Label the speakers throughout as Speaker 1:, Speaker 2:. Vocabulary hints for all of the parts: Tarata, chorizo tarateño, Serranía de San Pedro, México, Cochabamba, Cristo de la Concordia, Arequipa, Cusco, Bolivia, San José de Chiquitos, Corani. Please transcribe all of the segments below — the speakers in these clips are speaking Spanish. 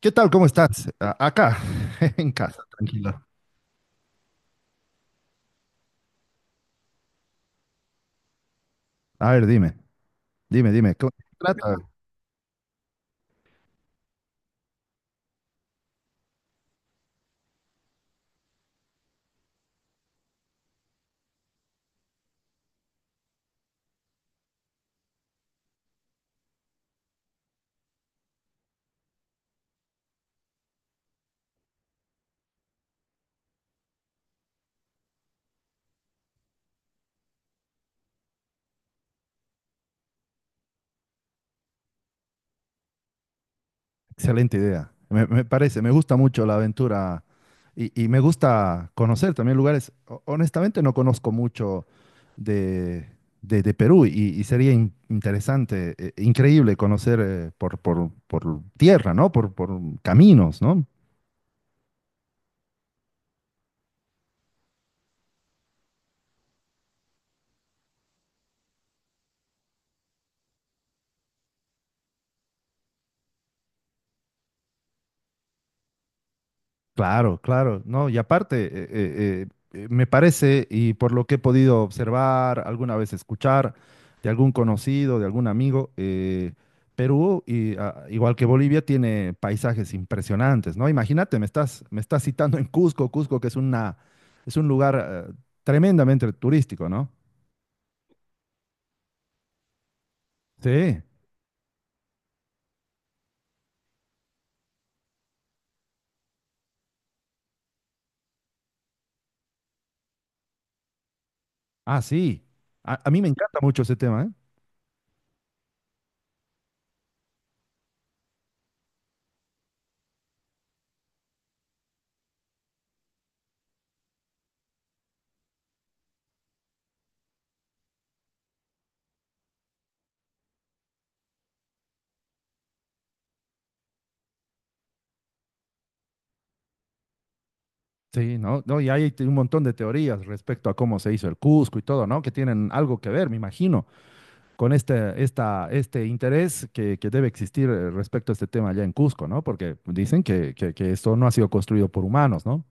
Speaker 1: ¿Qué tal? ¿Cómo estás? Acá, en casa, tranquilo. A ver, dime, dime. ¿Cómo se trata? Excelente idea. Me parece, me gusta mucho la aventura y me gusta conocer también lugares. Honestamente, no conozco mucho de, de Perú, y sería interesante, increíble conocer por tierra, ¿no? Por caminos, ¿no? Claro, claro, no, y aparte, me parece, y por lo que he podido observar, alguna vez escuchar de algún conocido, de algún amigo, Perú, y, ah, igual que Bolivia, tiene paisajes impresionantes, ¿no? Imagínate, me estás citando en Cusco. Cusco, que es un lugar tremendamente turístico, ¿no? Sí, ah, sí. A mí me encanta mucho ese tema, ¿eh? Sí, ¿no? No, y hay un montón de teorías respecto a cómo se hizo el Cusco y todo, ¿no? Que tienen algo que ver, me imagino, con este interés que debe existir respecto a este tema allá en Cusco, ¿no? Porque dicen que esto no ha sido construido por humanos, ¿no?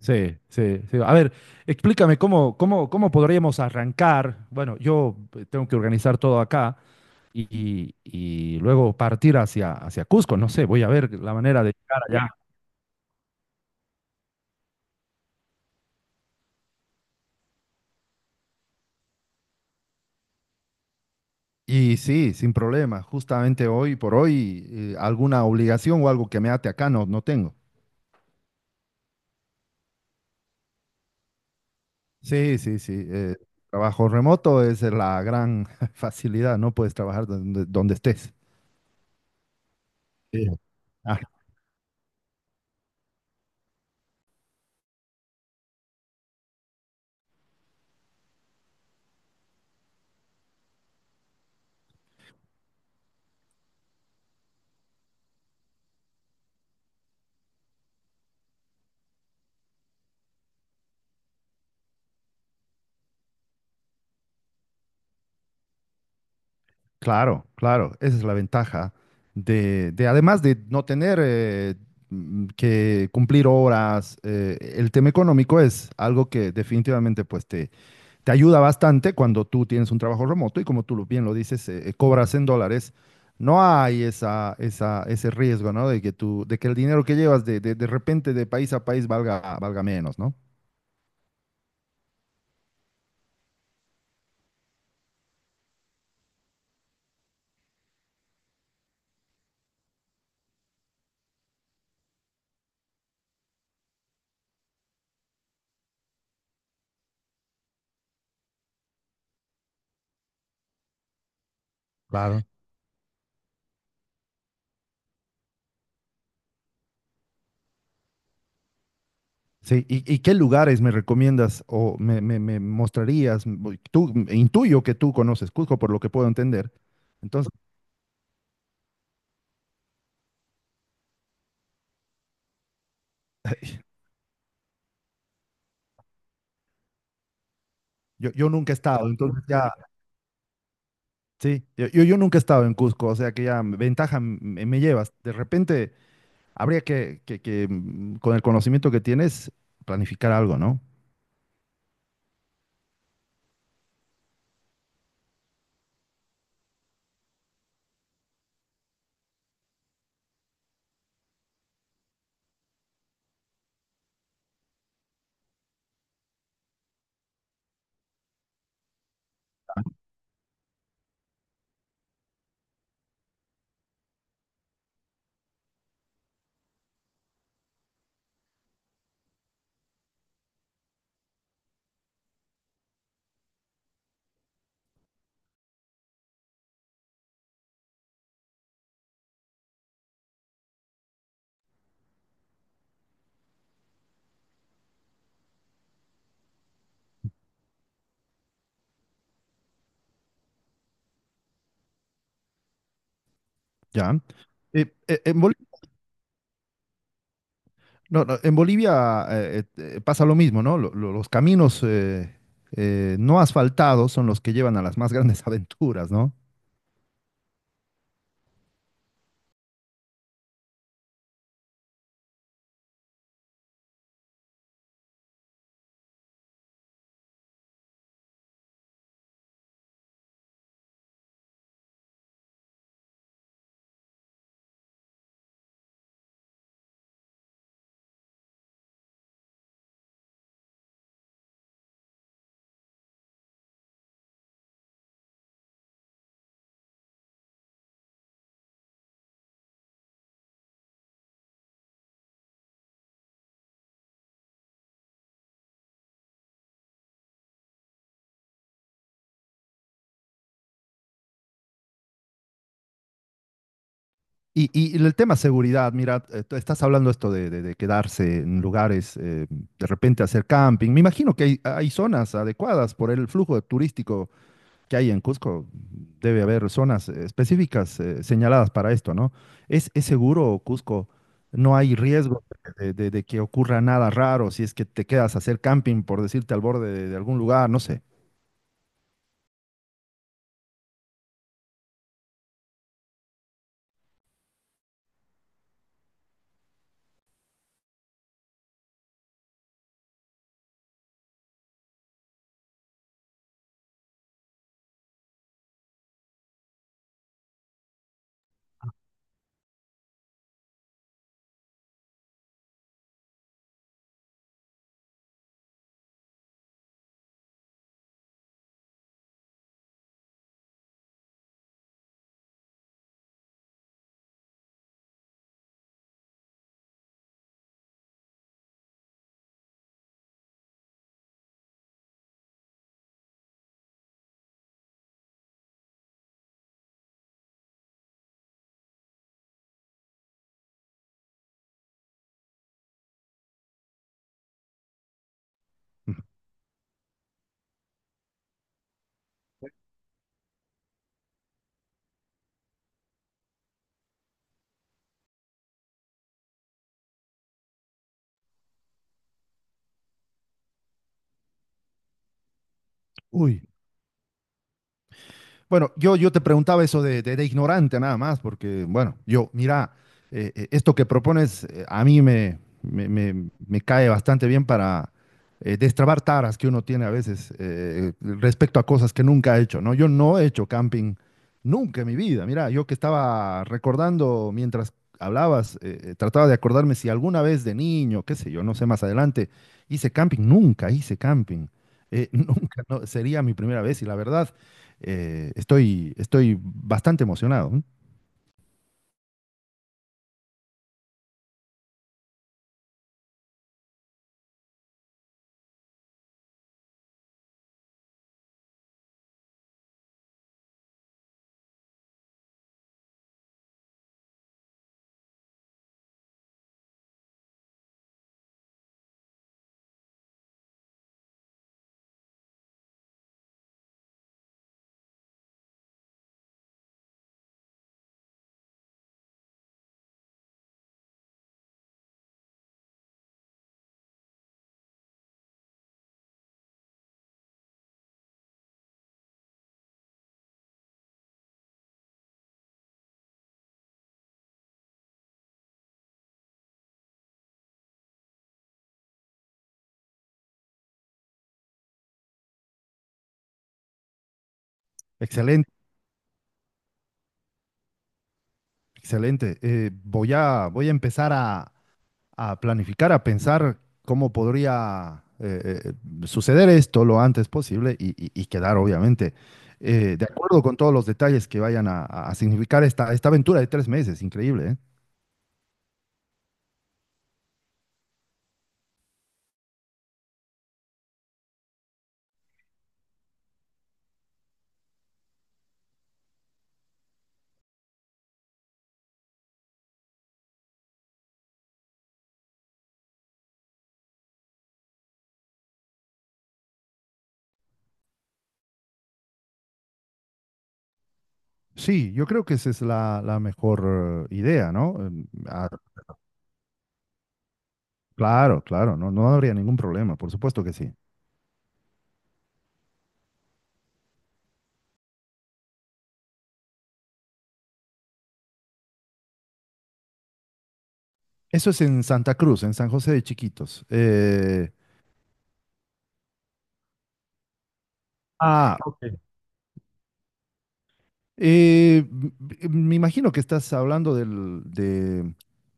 Speaker 1: Sí, sí, sí. A ver, explícame cómo podríamos arrancar. Bueno, yo tengo que organizar todo acá y luego partir hacia Cusco. No sé, voy a ver la manera de llegar allá. Y sí, sin problema. Justamente hoy por hoy, alguna obligación o algo que me ate acá no tengo. Sí, sí, sí. Trabajo remoto es la gran facilidad, no puedes trabajar donde estés. Sí. Ah, claro, claro, esa es la ventaja de, además de no tener que cumplir horas. El tema económico es algo que definitivamente pues te ayuda bastante cuando tú tienes un trabajo remoto y, como tú bien lo dices, cobras en dólares. No hay ese riesgo, ¿no? De que el dinero que llevas de repente de país a país valga menos, ¿no? Claro. Sí, ¿y qué lugares me recomiendas o me mostrarías? Tú, intuyo que tú conoces Cusco, por lo que puedo entender. Entonces, yo nunca he estado. Entonces ya, sí, yo nunca he estado en Cusco, o sea que ya ventaja me llevas. De repente, habría que, con el conocimiento que tienes, planificar algo, ¿no? Ya. Eh, eh, en Bol- no, no, en Bolivia pasa lo mismo, ¿no? Los caminos no asfaltados son los que llevan a las más grandes aventuras, ¿no? Y el tema seguridad, mira, tú estás hablando esto de quedarse en lugares, de repente hacer camping. Me imagino que hay zonas adecuadas por el flujo turístico que hay en Cusco, debe haber zonas específicas señaladas para esto, ¿no? ¿Es seguro Cusco? No hay riesgo de que ocurra nada raro si es que te quedas a hacer camping, por decirte, al borde de algún lugar, no sé. Uy. Bueno, yo te preguntaba eso de ignorante nada más, porque, bueno, mira, esto que propones, a mí me cae bastante bien para destrabar taras que uno tiene a veces, respecto a cosas que nunca ha hecho, ¿no? Yo no he hecho camping nunca en mi vida. Mira, yo que estaba recordando mientras hablabas, trataba de acordarme si alguna vez de niño, qué sé yo, no sé, más adelante, hice camping. Nunca hice camping. Nunca, no, sería mi primera vez, y la verdad, estoy bastante emocionado. ¿Eh? Excelente, excelente. Voy a empezar a, planificar, a pensar cómo podría suceder esto lo antes posible y quedar, obviamente, de acuerdo con todos los detalles que vayan a significar esta aventura de 3 meses. Increíble, ¿eh? Sí, yo creo que esa es la mejor idea, ¿no? Claro, claro, no, no habría ningún problema, por supuesto que sí. Eso es en Santa Cruz, en San José de Chiquitos. Ok. eh, m- me imagino que estás hablando de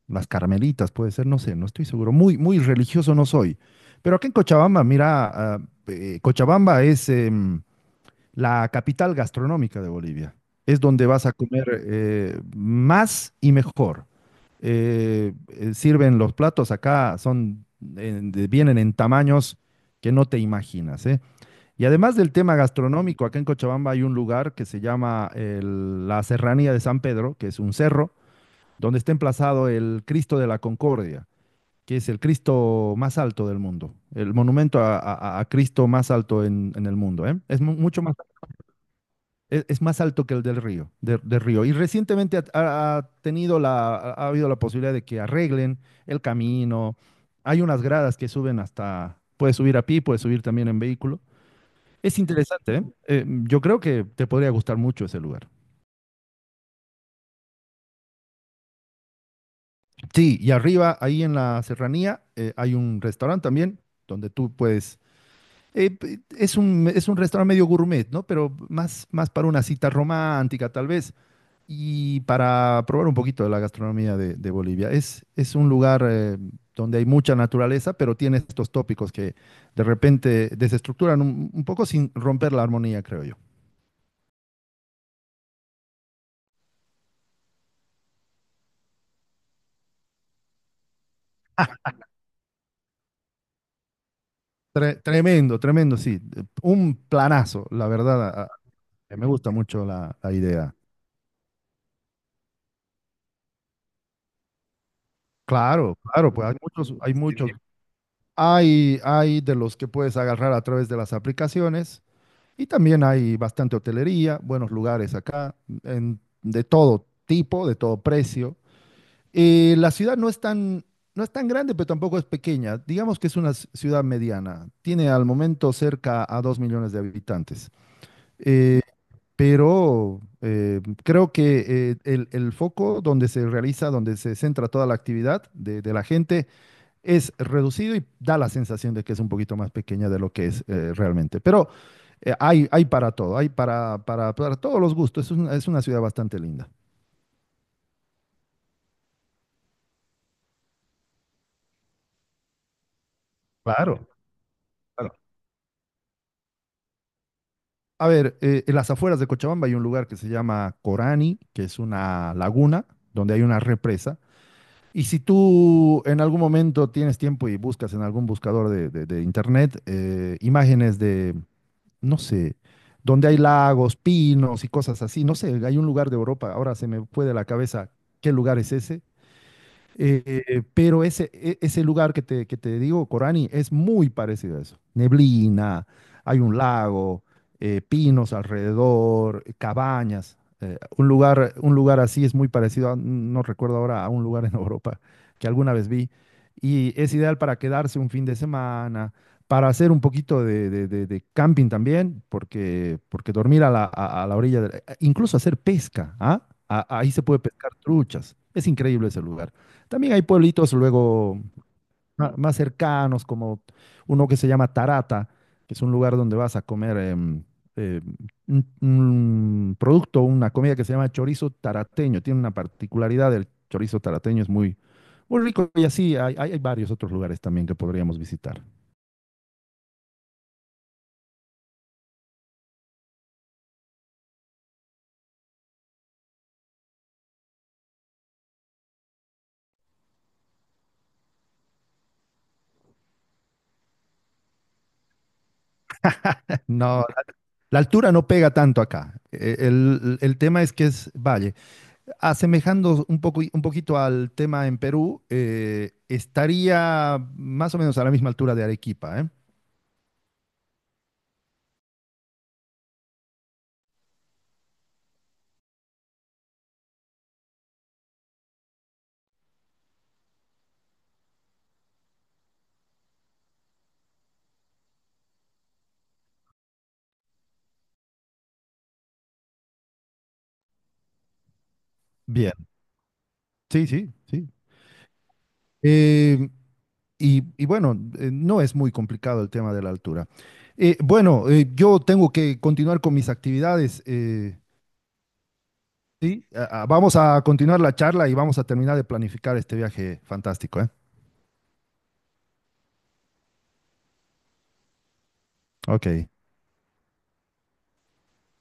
Speaker 1: las carmelitas, puede ser, no sé, no estoy seguro. Muy, muy religioso no soy. Pero aquí en Cochabamba, mira, Cochabamba es la capital gastronómica de Bolivia. Es donde vas a comer más y mejor. Sirven los platos acá, vienen en tamaños que no te imaginas, ¿eh? Y además del tema gastronómico, acá en Cochabamba hay un lugar que se llama la Serranía de San Pedro, que es un cerro, donde está emplazado el Cristo de la Concordia, que es el Cristo más alto del mundo, el monumento a Cristo más alto en el mundo, ¿eh? Es mucho más, es más alto que el del río, del río. Y recientemente ha habido la posibilidad de que arreglen el camino. Hay unas gradas que suben hasta. Puedes subir a pie, puedes subir también en vehículo. Es interesante, ¿eh? Yo creo que te podría gustar mucho ese lugar. Sí, y arriba, ahí en la serranía, hay un restaurante también donde tú puedes... Es un restaurante medio gourmet, ¿no? Pero más para una cita romántica, tal vez, y para probar un poquito de la gastronomía de Bolivia. Es un lugar donde hay mucha naturaleza, pero tiene estos tópicos que de repente desestructuran un poco sin romper la armonía, creo yo. Tremendo, tremendo, sí. Un planazo, la verdad. Me gusta mucho la idea. Claro, claro, pues hay muchos, hay muchos. Hay de los que puedes agarrar a través de las aplicaciones, y también hay bastante hotelería, buenos lugares acá, de todo tipo, de todo precio. Y la ciudad no es tan grande, pero tampoco es pequeña. Digamos que es una ciudad mediana. Tiene al momento cerca a 2 millones de habitantes. Eh, pero creo que el foco donde se centra toda la actividad de la gente es reducido, y da la sensación de que es un poquito más pequeña de lo que es, realmente. Pero hay para todo, hay para todos los gustos. Es una ciudad bastante linda. Claro, claro. A ver, en las afueras de Cochabamba hay un lugar que se llama Corani, que es una laguna donde hay una represa. Y si tú en algún momento tienes tiempo y buscas en algún buscador de internet imágenes de, no sé, donde hay lagos, pinos y cosas así, no sé, hay un lugar de Europa. Ahora se me fue de la cabeza qué lugar es ese, pero ese lugar que te, digo, Corani, es muy parecido a eso. Neblina, hay un lago, pinos alrededor, cabañas. Un lugar así es muy parecido, no recuerdo ahora, a un lugar en Europa que alguna vez vi. Y es ideal para quedarse un fin de semana, para hacer un poquito de camping también, porque, dormir a la orilla incluso hacer pesca, ¿ah? Ahí se puede pescar truchas. Es increíble ese lugar. También hay pueblitos luego más cercanos, como uno que se llama Tarata, que es un lugar donde vas a comer eh, una comida que se llama chorizo tarateño. Tiene una particularidad, el chorizo tarateño es muy, muy rico, y así hay varios otros lugares también que podríamos visitar. No, la altura no pega tanto acá. El tema es que es valle. Asemejando un poquito al tema en Perú, estaría más o menos a la misma altura de Arequipa, ¿eh? Bien, sí, sí, sí. Eh, y bueno, no es muy complicado el tema de la altura. Bueno, yo tengo que continuar con mis actividades. Sí, vamos a continuar la charla, y vamos a terminar de planificar este viaje fantástico, ¿eh? Ok.